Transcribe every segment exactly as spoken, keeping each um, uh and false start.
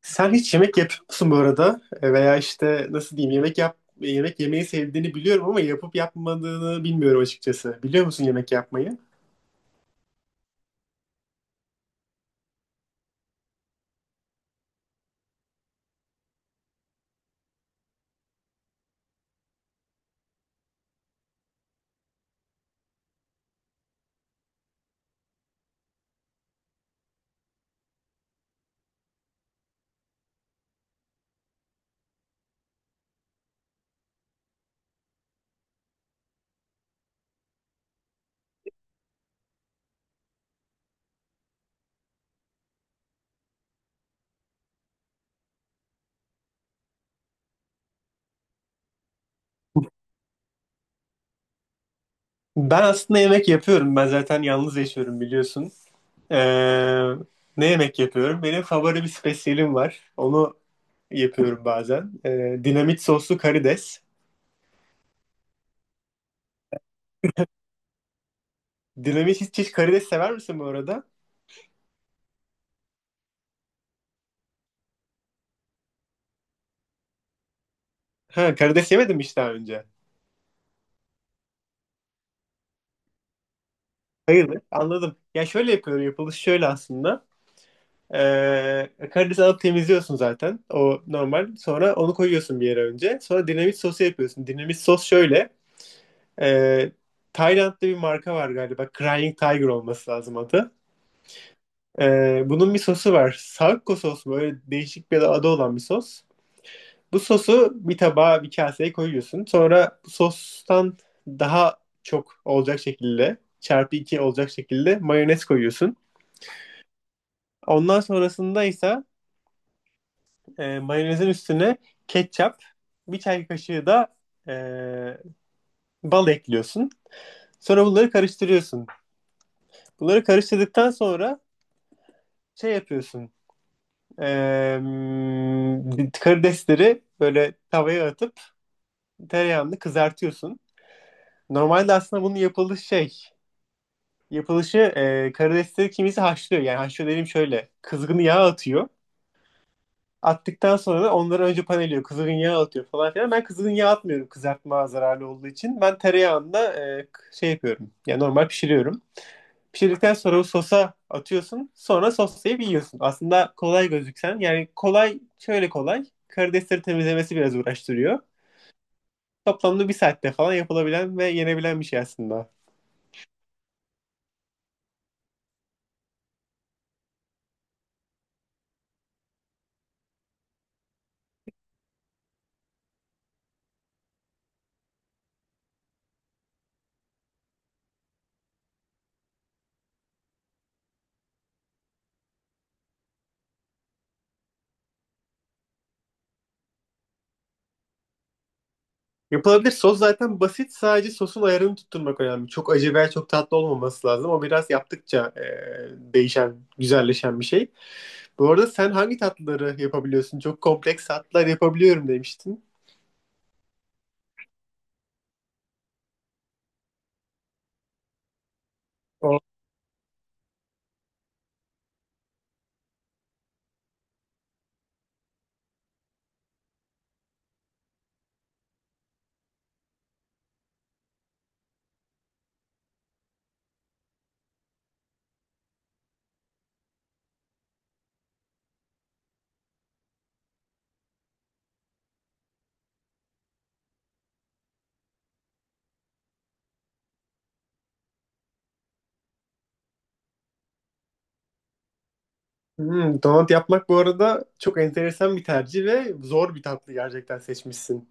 Sen hiç yemek yapıyor musun bu arada? E, Veya işte nasıl diyeyim yemek yap yemek yemeyi sevdiğini biliyorum ama yapıp yapmadığını bilmiyorum açıkçası. Biliyor musun yemek yapmayı? Ben aslında yemek yapıyorum. Ben zaten yalnız yaşıyorum biliyorsun. E, ne yemek yapıyorum? Benim favori bir spesiyelim var. Onu yapıyorum bazen. E, dinamit soslu karides. Dinamit hiç, hiç karides sever misin bu arada? Ha, karides yemedim hiç daha önce. Hayırdır? Anladım. Ya şöyle yapıyorum. Yapılışı şöyle aslında. Ee, karidesi alıp temizliyorsun zaten. O normal. Sonra onu koyuyorsun bir yere önce. Sonra dinamit sosu yapıyorsun. Dinamit sos şöyle. ee, Tayland'da bir marka var galiba. Crying Tiger olması lazım adı. Ee, bunun bir sosu var. Sakko sos mu? Öyle değişik bir adı olan bir sos. Bu sosu bir tabağa bir kaseye koyuyorsun. Sonra bu sostan daha çok olacak şekilde çarpı iki olacak şekilde mayonez koyuyorsun. Ondan sonrasında ise e, mayonezin üstüne ketçap, bir çay kaşığı da e, bal ekliyorsun. Sonra bunları karıştırıyorsun. Bunları karıştırdıktan sonra şey yapıyorsun. E, karidesleri böyle tavaya atıp tereyağını kızartıyorsun. Normalde aslında bunun yapılışı şey. Yapılışı e, karidesleri kimisi haşlıyor. Yani haşlıyor dediğim şöyle. Kızgın yağ atıyor. Attıktan sonra da onları önce paneliyor. Kızgın yağ atıyor falan filan. Ben kızgın yağ atmıyorum kızartma zararlı olduğu için. Ben tereyağında e, şey yapıyorum. Yani normal pişiriyorum. Pişirdikten sonra o sosa atıyorsun. Sonra soslayıp yiyorsun. Aslında kolay gözüksen. Yani kolay şöyle kolay. Karidesleri temizlemesi biraz uğraştırıyor. Toplamda bir saatte falan yapılabilen ve yenebilen bir şey aslında. Yapılabilir. Sos zaten basit. Sadece sosun ayarını tutturmak önemli. Çok acı veya çok tatlı olmaması lazım. O biraz yaptıkça e, değişen, güzelleşen bir şey. Bu arada sen hangi tatlıları yapabiliyorsun? Çok kompleks tatlılar yapabiliyorum demiştin. O- Hmm, donut yapmak bu arada çok enteresan bir tercih ve zor bir tatlı gerçekten seçmişsin.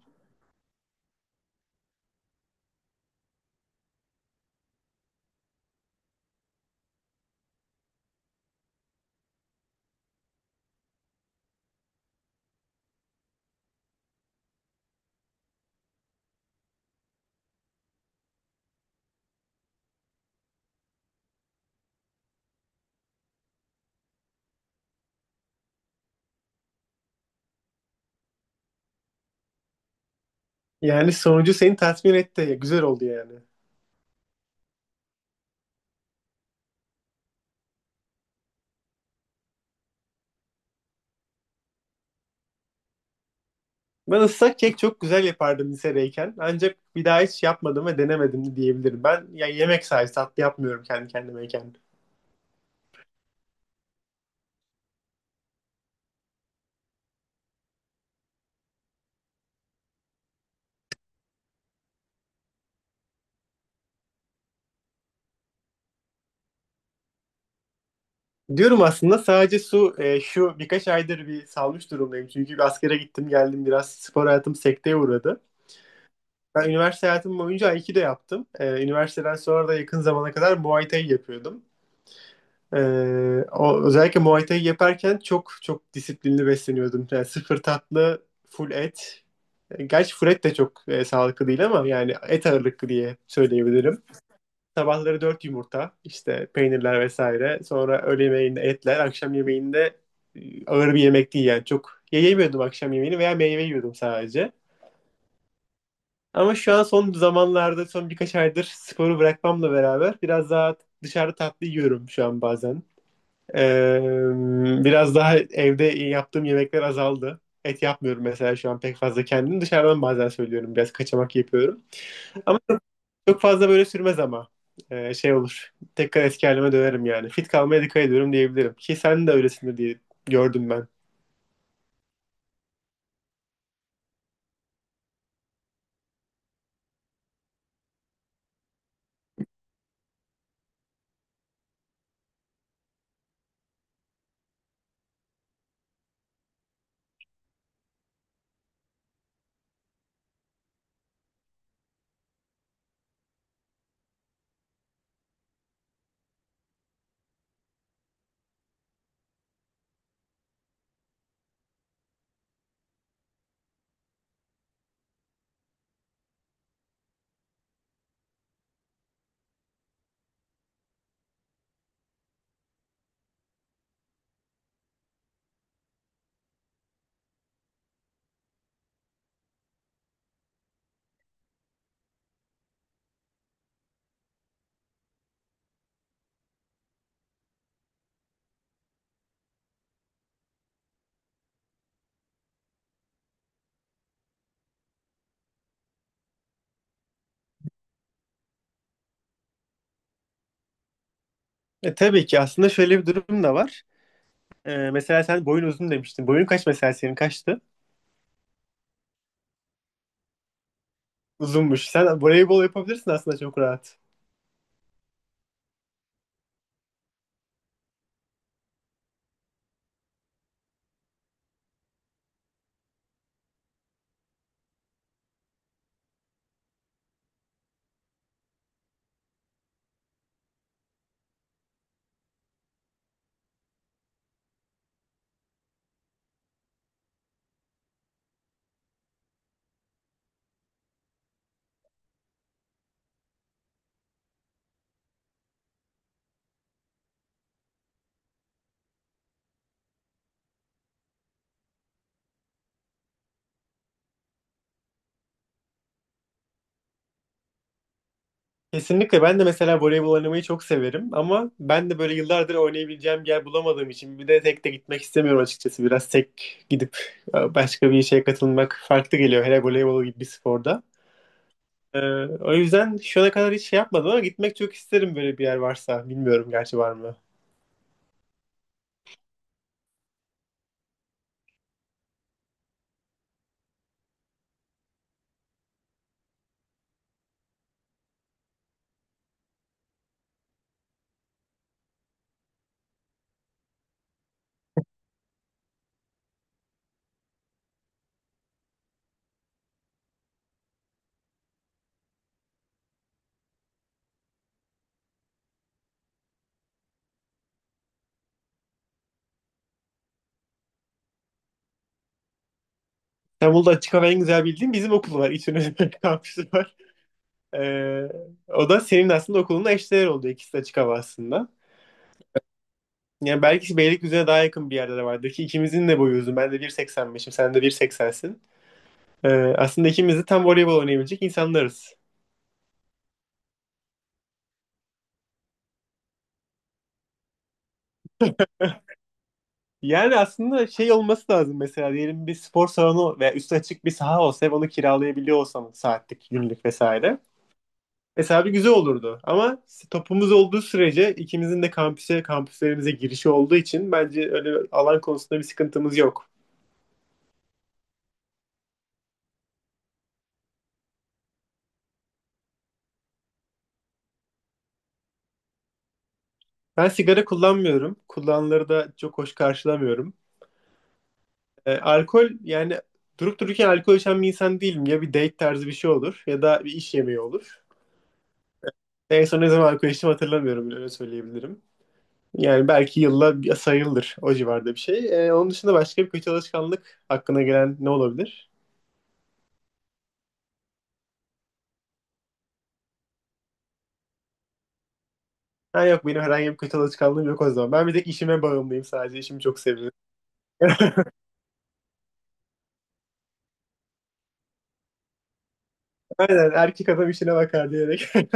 Yani sonucu seni tatmin etti. Güzel oldu yani. Ben ıslak kek çok güzel yapardım lisedeyken. Ancak bir daha hiç yapmadım ve denemedim de diyebilirim. Ben ya yemek sayesinde tatlı yapmıyorum kendi kendimeyken. Diyorum aslında sadece su e, şu birkaç aydır bir salmış durumdayım. Çünkü bir askere gittim geldim biraz spor hayatım sekteye uğradı. Ben üniversite hayatım boyunca Aikido yaptım. Ee, üniversiteden sonra da yakın zamana kadar Muay Thai yapıyordum. Ee, o, özellikle Muay Thai yaparken çok çok disiplinli besleniyordum. Yani sıfır tatlı, full et. Ee, Gerçi full et de çok e, sağlıklı değil ama yani et ağırlıklı diye söyleyebilirim. Sabahları dört yumurta, işte peynirler vesaire. Sonra öğle yemeğinde etler, akşam yemeğinde e, ağır bir yemek değil yani. Çok yemiyordum akşam yemeğini veya meyve yiyordum sadece. Ama şu an son zamanlarda, son birkaç aydır sporu bırakmamla beraber biraz daha dışarıda tatlı yiyorum şu an bazen. Ee, biraz daha evde yaptığım yemekler azaldı. Et yapmıyorum mesela şu an pek fazla kendim. Dışarıdan bazen söylüyorum. Biraz kaçamak yapıyorum. Ama çok fazla böyle sürmez ama. Ee, şey olur. Tekrar eski halime dönerim yani. Fit kalmaya dikkat ediyorum diyebilirim. Ki sen de öylesindir diye gördüm ben. E, tabii ki aslında şöyle bir durum da var. Ee, mesela sen boyun uzun demiştin. Boyun kaç mesela senin kaçtı? Uzunmuş. Sen voleybol yapabilirsin aslında çok rahat. Kesinlikle ben de mesela voleybol oynamayı çok severim ama ben de böyle yıllardır oynayabileceğim bir yer bulamadığım için bir de tek de gitmek istemiyorum açıkçası. Biraz tek gidip e, başka bir işe katılmak farklı geliyor hele voleybol gibi bir sporda. Ee, o yüzden şu ana kadar hiç şey yapmadım ama gitmek çok isterim böyle bir yer varsa. Bilmiyorum gerçi var mı? İstanbul'da açık hava en güzel bildiğim bizim okul var. İç üniversite kampüsü var. Ee, o da senin aslında okulunla eşdeğer oldu. İkisi de açık hava aslında. Yani belki Beylikdüzü'ne daha yakın bir yerde de vardır ki ikimizin de boyu uzun. Ben de bir seksen beşim, sen de bir seksensin. Ee, aslında ikimiz de tam voleybol oynayabilecek insanlarız. Yani aslında şey olması lazım mesela diyelim bir spor salonu veya üstü açık bir saha olsa ve onu kiralayabiliyor olsamız saatlik, günlük vesaire. Mesela bir güzel olurdu ama topumuz olduğu sürece ikimizin de kampüse, kampüslerimize girişi olduğu için bence öyle alan konusunda bir sıkıntımız yok. Ben sigara kullanmıyorum. Kullananları da çok hoş karşılamıyorum. E, alkol yani durup dururken alkol içen bir insan değilim. Ya bir date tarzı bir şey olur ya da bir iş yemeği olur. En son ne zaman alkol içtim hatırlamıyorum bile öyle söyleyebilirim. Yani belki yılla bir- sayılır o civarda bir şey. E, onun dışında başka bir kötü alışkanlık hakkına gelen ne olabilir? Ha yok benim herhangi bir kötü alışkanlığım yok o zaman. Ben bir tek işime bağımlıyım sadece işimi çok seviyorum. Aynen erkek adam işine bakar diyerek.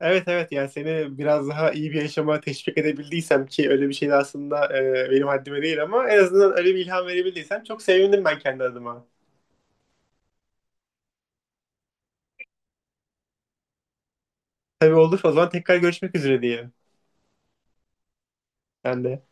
Evet evet yani seni biraz daha iyi bir yaşama teşvik edebildiysem ki öyle bir şey de aslında e, benim haddime değil ama en azından öyle bir ilham verebildiysem çok sevindim ben kendi adıma. Tabii olur o zaman tekrar görüşmek üzere diye. Ben de.